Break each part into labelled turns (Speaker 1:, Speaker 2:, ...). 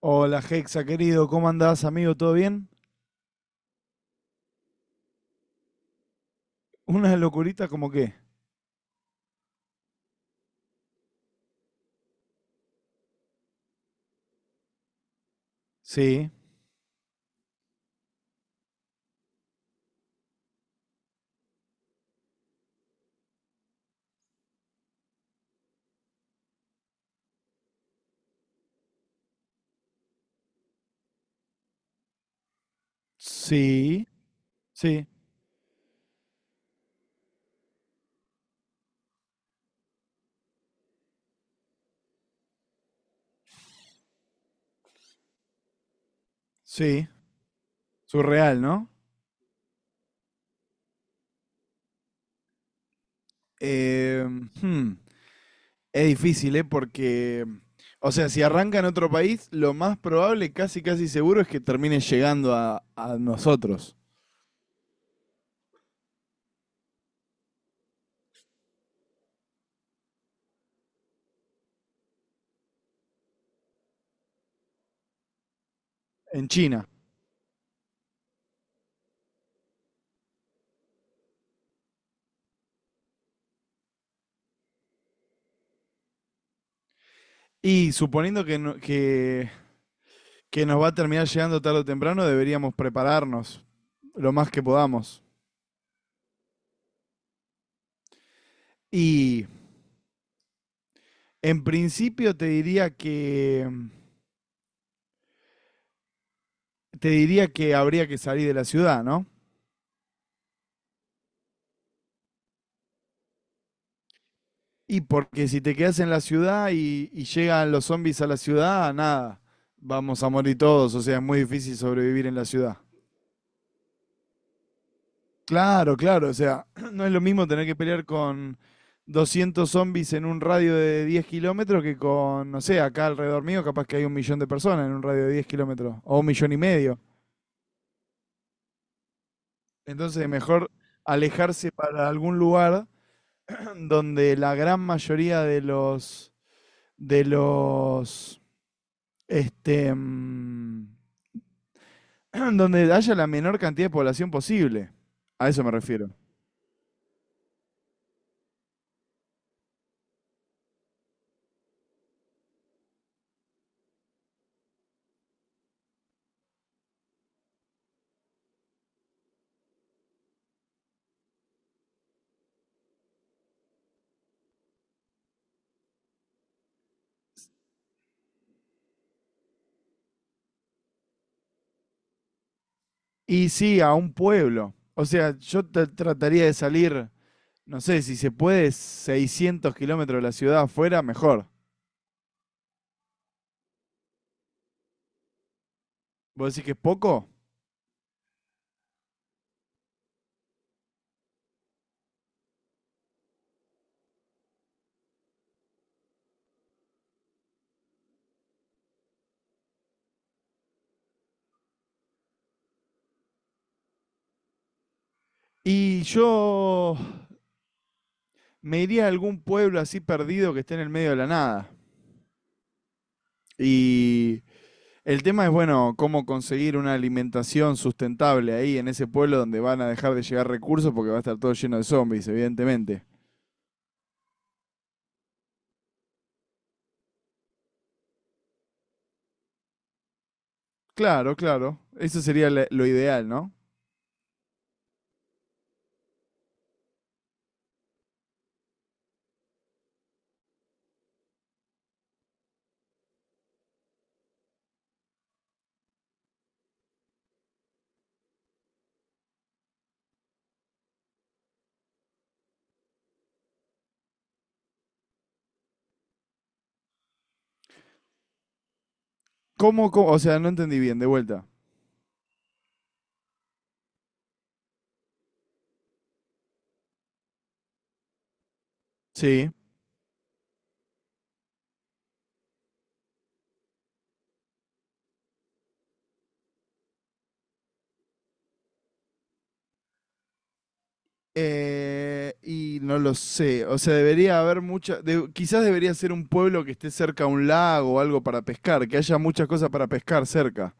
Speaker 1: Hola, Hexa, querido, ¿cómo andás, amigo? ¿Todo bien? ¿Una locurita como qué? Sí, sí, sí, sí. Surreal, ¿no? Eh, hmm, es difícil, ¿eh? Porque, o sea, si arranca en otro país, lo más probable, casi casi seguro, es que termine llegando a nosotros, en China. Y suponiendo que, que nos va a terminar llegando tarde o temprano, deberíamos prepararnos lo más que podamos. Y En principio te diría que habría que salir de la ciudad, ¿no? Y porque si te quedas en la ciudad y llegan los zombies a la ciudad, nada, vamos a morir todos, o sea, es muy difícil sobrevivir en la ciudad. Claro, claro, o sea, no es lo mismo tener que pelear con 200 zombies en un radio de 10 kilómetros que con, no sé, acá alrededor mío capaz que hay un millón de personas en un radio de 10 kilómetros, o un millón y medio. Entonces, mejor alejarse para algún lugar donde la gran mayoría de los este mm, donde haya la menor cantidad de población posible. A eso me refiero. Y sí, a un pueblo. O sea, yo trataría de salir, no sé, si se puede, 600 kilómetros de la ciudad afuera, mejor. ¿Vos decís que es poco? Y yo me iría a algún pueblo así perdido que esté en el medio de la nada. Y el tema es, bueno, cómo conseguir una alimentación sustentable ahí en ese pueblo donde van a dejar de llegar recursos porque va a estar todo lleno de zombies, evidentemente. Claro, claro. Eso sería lo ideal, ¿no? ¿Cómo, cómo? O sea, no entendí bien, de vuelta. Sí. Y no lo sé. O sea, debería haber mucha. Quizás debería ser un pueblo que esté cerca a un lago o algo para pescar, que haya muchas cosas para pescar cerca.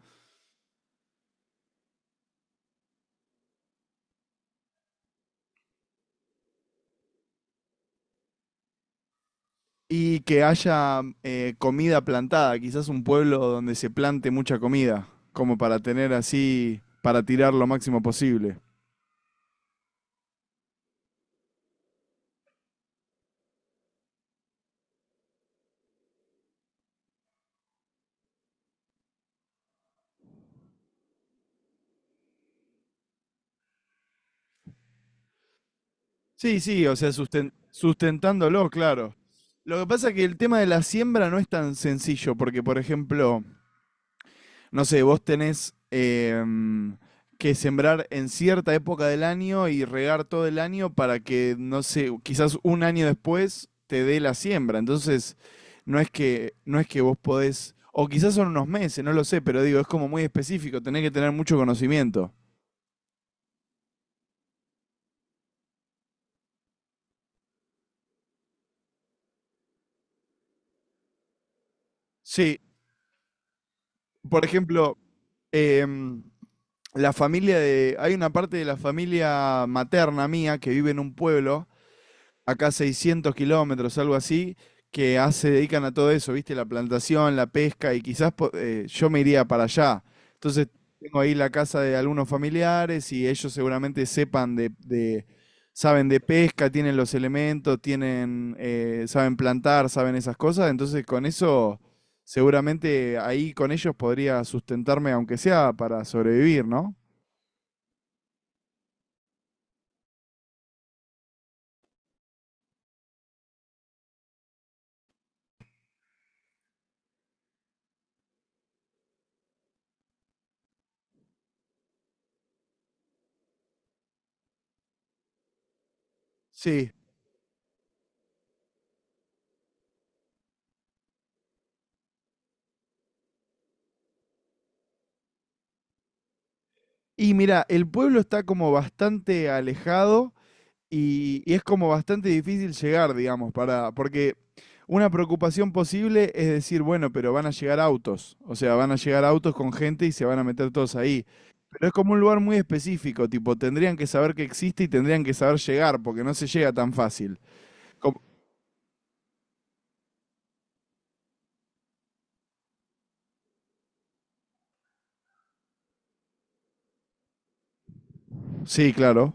Speaker 1: Y que haya comida plantada, quizás un pueblo donde se plante mucha comida, como para tener así, para tirar lo máximo posible. Sí, sí, o sea, sustentándolo, claro. Lo que pasa es que el tema de la siembra no es tan sencillo, porque por ejemplo, no sé, vos tenés que sembrar en cierta época del año y regar todo el año para que, no sé, quizás un año después te dé la siembra. Entonces, no es que vos podés, o quizás son unos meses, no lo sé, pero digo, es como muy específico, tenés que tener mucho conocimiento. Sí, por ejemplo, em, la familia de, hay una parte de la familia materna mía que vive en un pueblo acá 600 kilómetros, algo así, que ah, se dedican a todo eso, ¿viste? La plantación, la pesca, y quizás yo me iría para allá. Entonces, tengo ahí la casa de algunos familiares y ellos seguramente sepan saben de pesca, tienen los elementos, tienen, saben plantar, saben esas cosas. Entonces, con eso, seguramente ahí con ellos podría sustentarme, aunque sea para sobrevivir, ¿no? Sí. Y mira, el pueblo está como bastante alejado. Y es como bastante difícil llegar, digamos, para, porque una preocupación posible es decir, bueno, pero van a llegar autos, o sea, van a llegar autos con gente y se van a meter todos ahí. Pero es como un lugar muy específico, tipo, tendrían que saber que existe y tendrían que saber llegar, porque no se llega tan fácil. Como- sí, claro.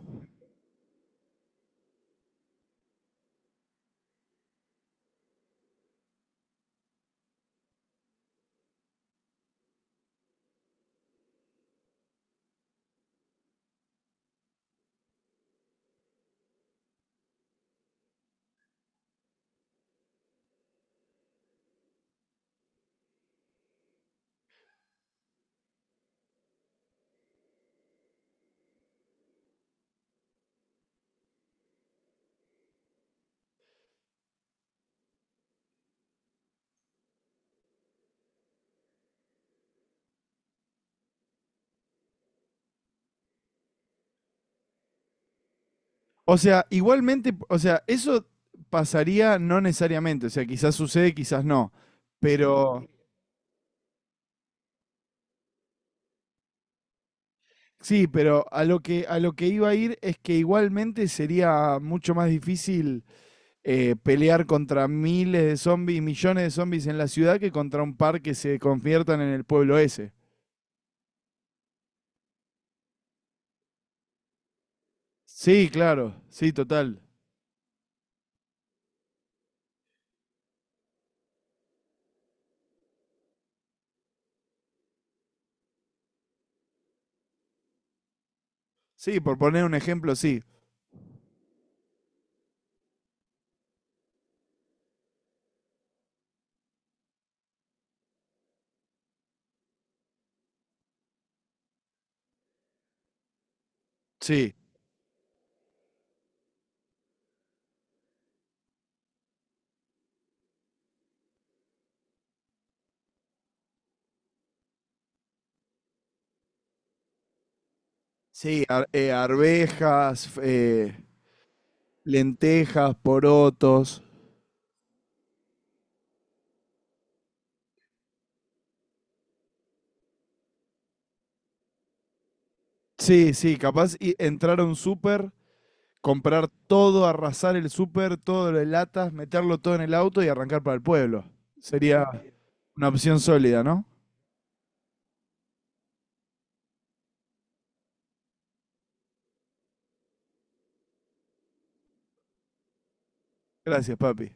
Speaker 1: O sea, igualmente, o sea, eso pasaría no necesariamente, o sea, quizás sucede, quizás no, pero... sí, pero a lo que iba a ir es que igualmente sería mucho más difícil pelear contra miles de zombies, millones de zombies en la ciudad que contra un par que se conviertan en el pueblo ese. Sí, claro, sí, total. Sí, por poner un ejemplo, sí. Sí, Arvejas, lentejas, porotos. Sí, sí, capaz y entrar a un súper, comprar todo, arrasar el súper, todo lo de latas, meterlo todo en el auto y arrancar para el pueblo. Sería una opción sólida, ¿no? Gracias, papi.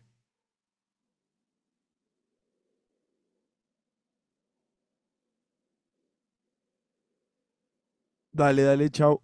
Speaker 1: Dale, dale, chau.